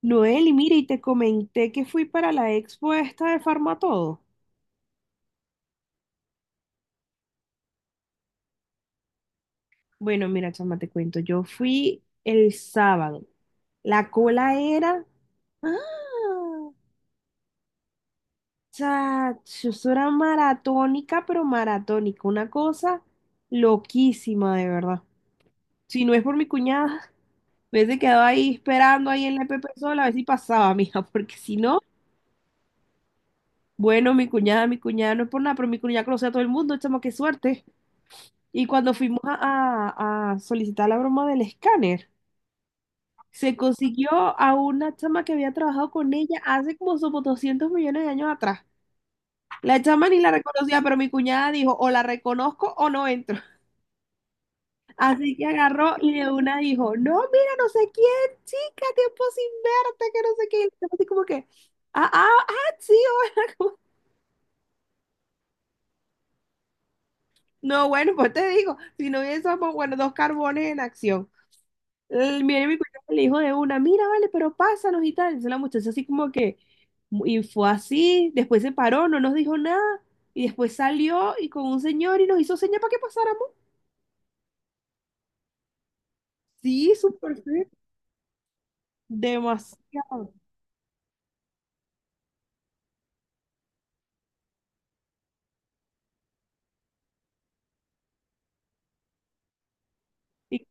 Noel, y mira, y te comenté que fui para la expo esta de Farmatodo. Bueno, mira, chama, te cuento, yo fui el sábado. La cola era. ¡Ah! Chacho, eso era maratónica, pero maratónica. Una cosa loquísima, de verdad. Si no es por mi cuñada, me hubiese quedado ahí esperando ahí en la E P P sola a ver si pasaba, mija, porque si no, bueno, mi cuñada no es por nada, pero mi cuñada conoce a todo el mundo, chama, qué suerte. Y cuando fuimos a, a solicitar la broma del escáner, se consiguió a una chama que había trabajado con ella hace como sobre 200 millones de años atrás. La chama ni la reconocía, pero mi cuñada dijo, o la reconozco o no entro. Así que agarró y de una dijo, no, mira, no sé quién, chica, tiempo sin verte, que no sé qué. Y la chama así como que, ah, ah, ah, sí, hola. No, bueno, pues te digo, si no hubiésemos, bueno, dos carbones en acción. Viene mi cuñado y le dijo de una, mira, vale, pero pásanos y tal. Entonces la muchacha así como que, y fue así, después se paró, no nos dijo nada, y después salió y con un señor y nos hizo señas para que pasáramos. Sí, súper feo, demasiado. Y-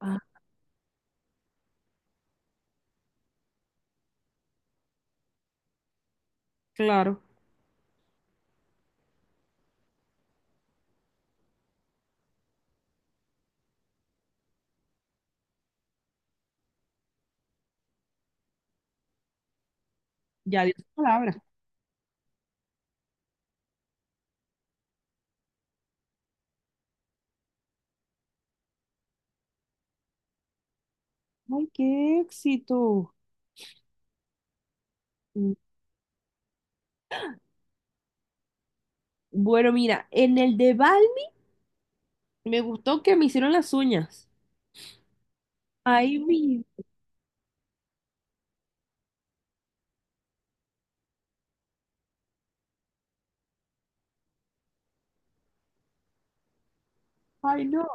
ah, claro, ya dio su palabra. Ay, qué éxito. Mm. Bueno, mira, en el de Balmi me gustó que me hicieron las uñas. Ay, mi, ay, no.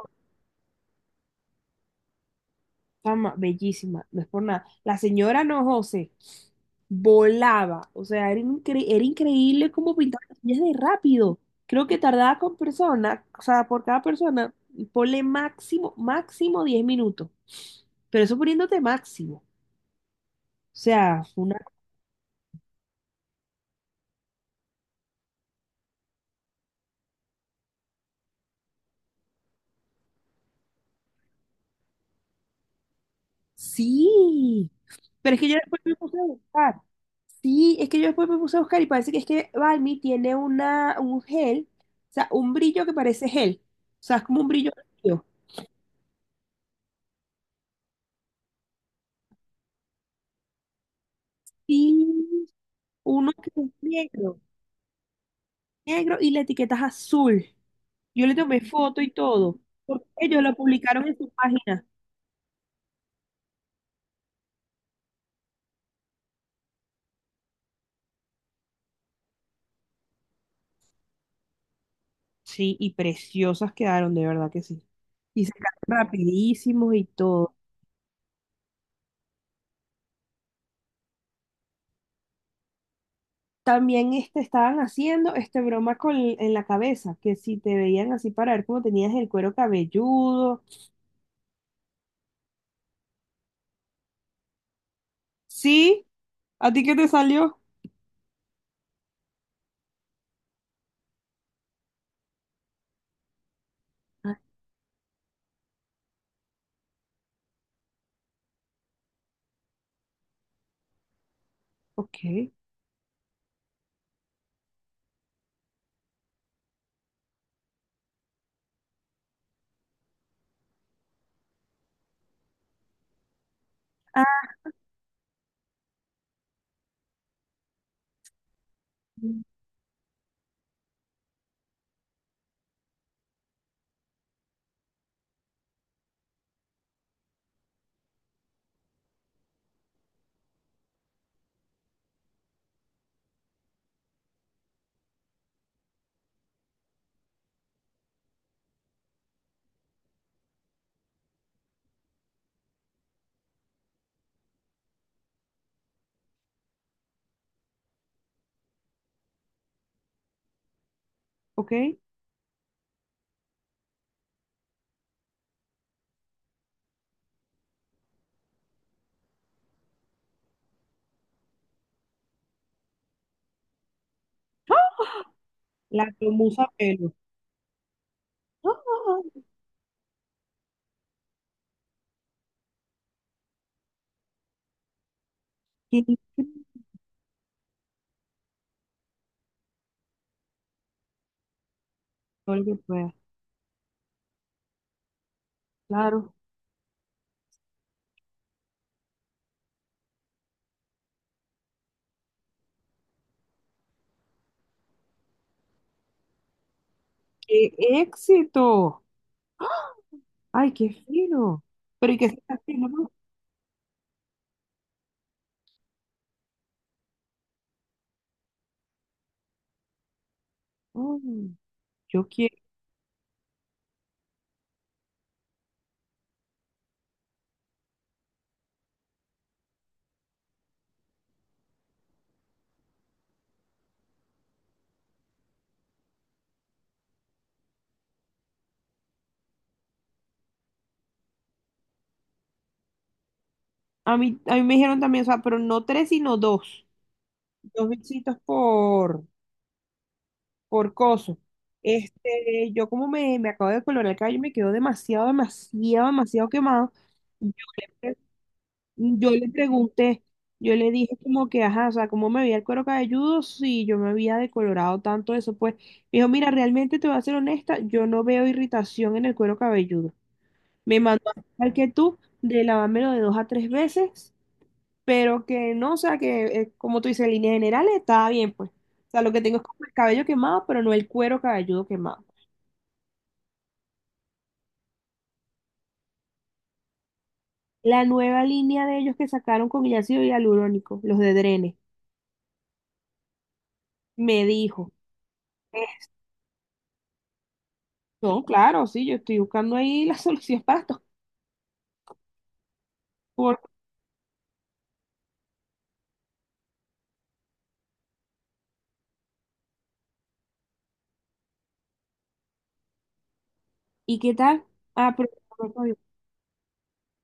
Chama, bellísima, no es por nada. La señora, no, José, volaba. O sea, era, era increíble cómo pintaba las uñas de rápido. Creo que tardaba con persona, o sea, por cada persona, ponle máximo, máximo 10 minutos. Pero eso poniéndote máximo. O sea, fue una. Sí, pero es que yo después me puse a buscar. Sí, es que yo después me puse a buscar y parece que es que Balmy tiene una, un gel, o sea, un brillo que parece gel. O sea, es como un brillo. Sí, uno que es negro, negro y la etiqueta es azul. Yo le tomé foto y todo, porque ellos lo publicaron en su página. Sí, y preciosas quedaron, de verdad que sí. Y sacaron rapidísimos y todo. También este, estaban haciendo este broma con, en la cabeza, que si te veían así para ver cómo tenías el cuero cabelludo. Sí, ¿a ti qué te salió? Ah, ok. Ah, ok. La tomuza pelo. No, no, no. Qué increíble. Claro. ¡Qué éxito! ¡Ay, qué fino! Pero ¿y qué se está haciendo, no? Mm, yo quiero. A mí me dijeron también, o sea, pero no tres, sino dos. Dos bichitos por coso. Este, yo como me acabo de colorar el cabello, me quedó demasiado, demasiado, demasiado quemado. Yo le pregunté, yo le dije como que, ajá, o sea, ¿cómo me veía el cuero cabelludo si yo me había decolorado tanto eso? Pues me dijo, mira, realmente te voy a ser honesta, yo no veo irritación en el cuero cabelludo. Me mandó al que tú de lavármelo de 2 a 3 veces, pero que no, o sea, que como tú dices, en líneas generales estaba bien, pues. O sea, lo que tengo es como el cabello quemado, pero no el cuero cabelludo quemado. La nueva línea de ellos que sacaron con ácido hialurónico, los de Drene, me dijo. No, claro, sí, yo estoy buscando ahí las soluciones para estos cortes. ¿Y qué tal? Ah, pero no todavía.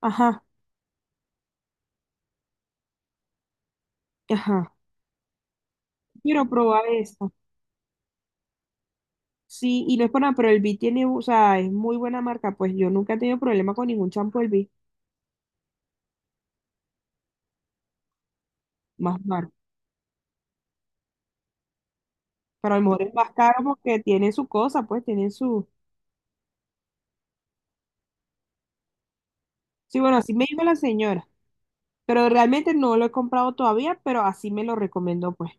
Ajá, ajá. Quiero probar esta. Sí, y no es por nada, pero el B tiene, o sea, es muy buena marca. Pues yo nunca he tenido problema con ningún champú del B, más marca. Pero a lo mejor es más caro porque tiene su cosa, pues tiene su. Sí, bueno, así me dijo la señora. Pero realmente no lo he comprado todavía, pero así me lo recomendó, pues.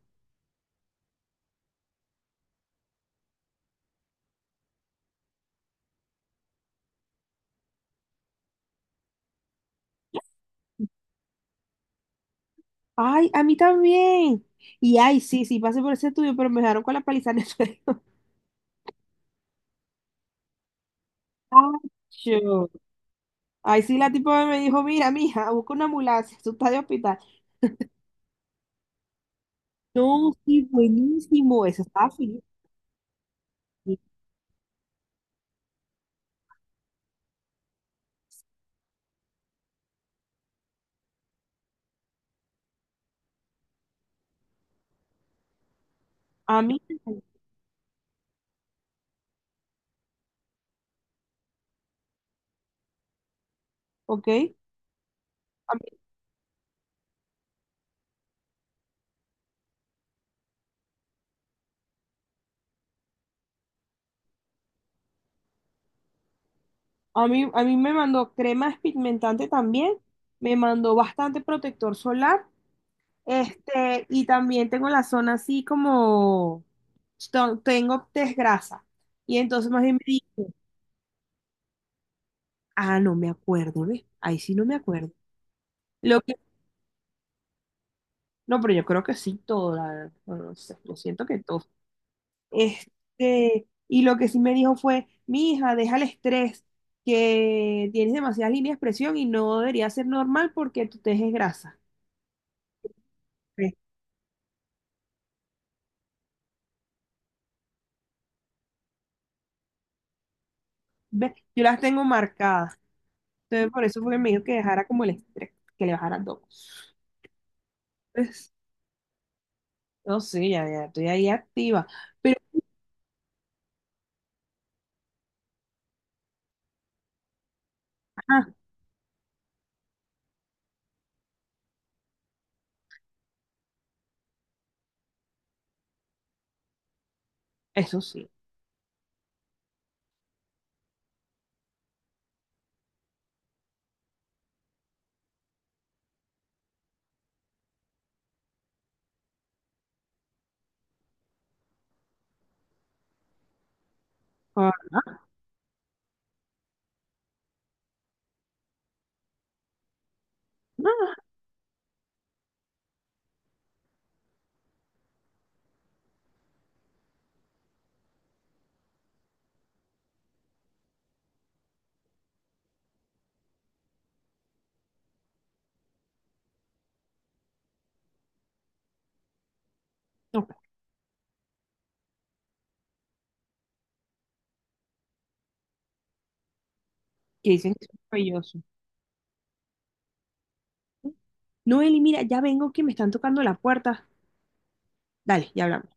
Ay, a mí también. Y ay, sí, sí, pasé por ese estudio, pero me dejaron con la paliza en el suelo. Acho. Ahí sí, la tipa me dijo, mira, mija, busca una ambulancia, tú estás de hospital. No, sí, buenísimo, eso estaba feliz. A mí, ok, mí, a mí me mandó crema pigmentantes también, me mandó bastante protector solar, este, y también tengo la zona así como, tengo desgrasa. Y entonces más bien me dijo, ah, no me acuerdo, ¿ves? Ahí sí no me acuerdo. Lo que, no, pero yo creo que sí, toda, no sé, lo siento que todo. Este, y lo que sí me dijo fue, mi hija, deja el estrés, que tienes demasiadas líneas de expresión y no debería ser normal porque tu tez es grasa. Ve, ve, yo las tengo marcadas. Entonces, por eso fue que me dijo que dejara como el estrés, que le bajara dos. Pues, no sé, ya, ya estoy ahí activa. Pero, ajá, eso sí. Ah, no, no, no, que dicen que es maravilloso. Noeli, mira, ya vengo que me están tocando la puerta. Dale, ya hablamos.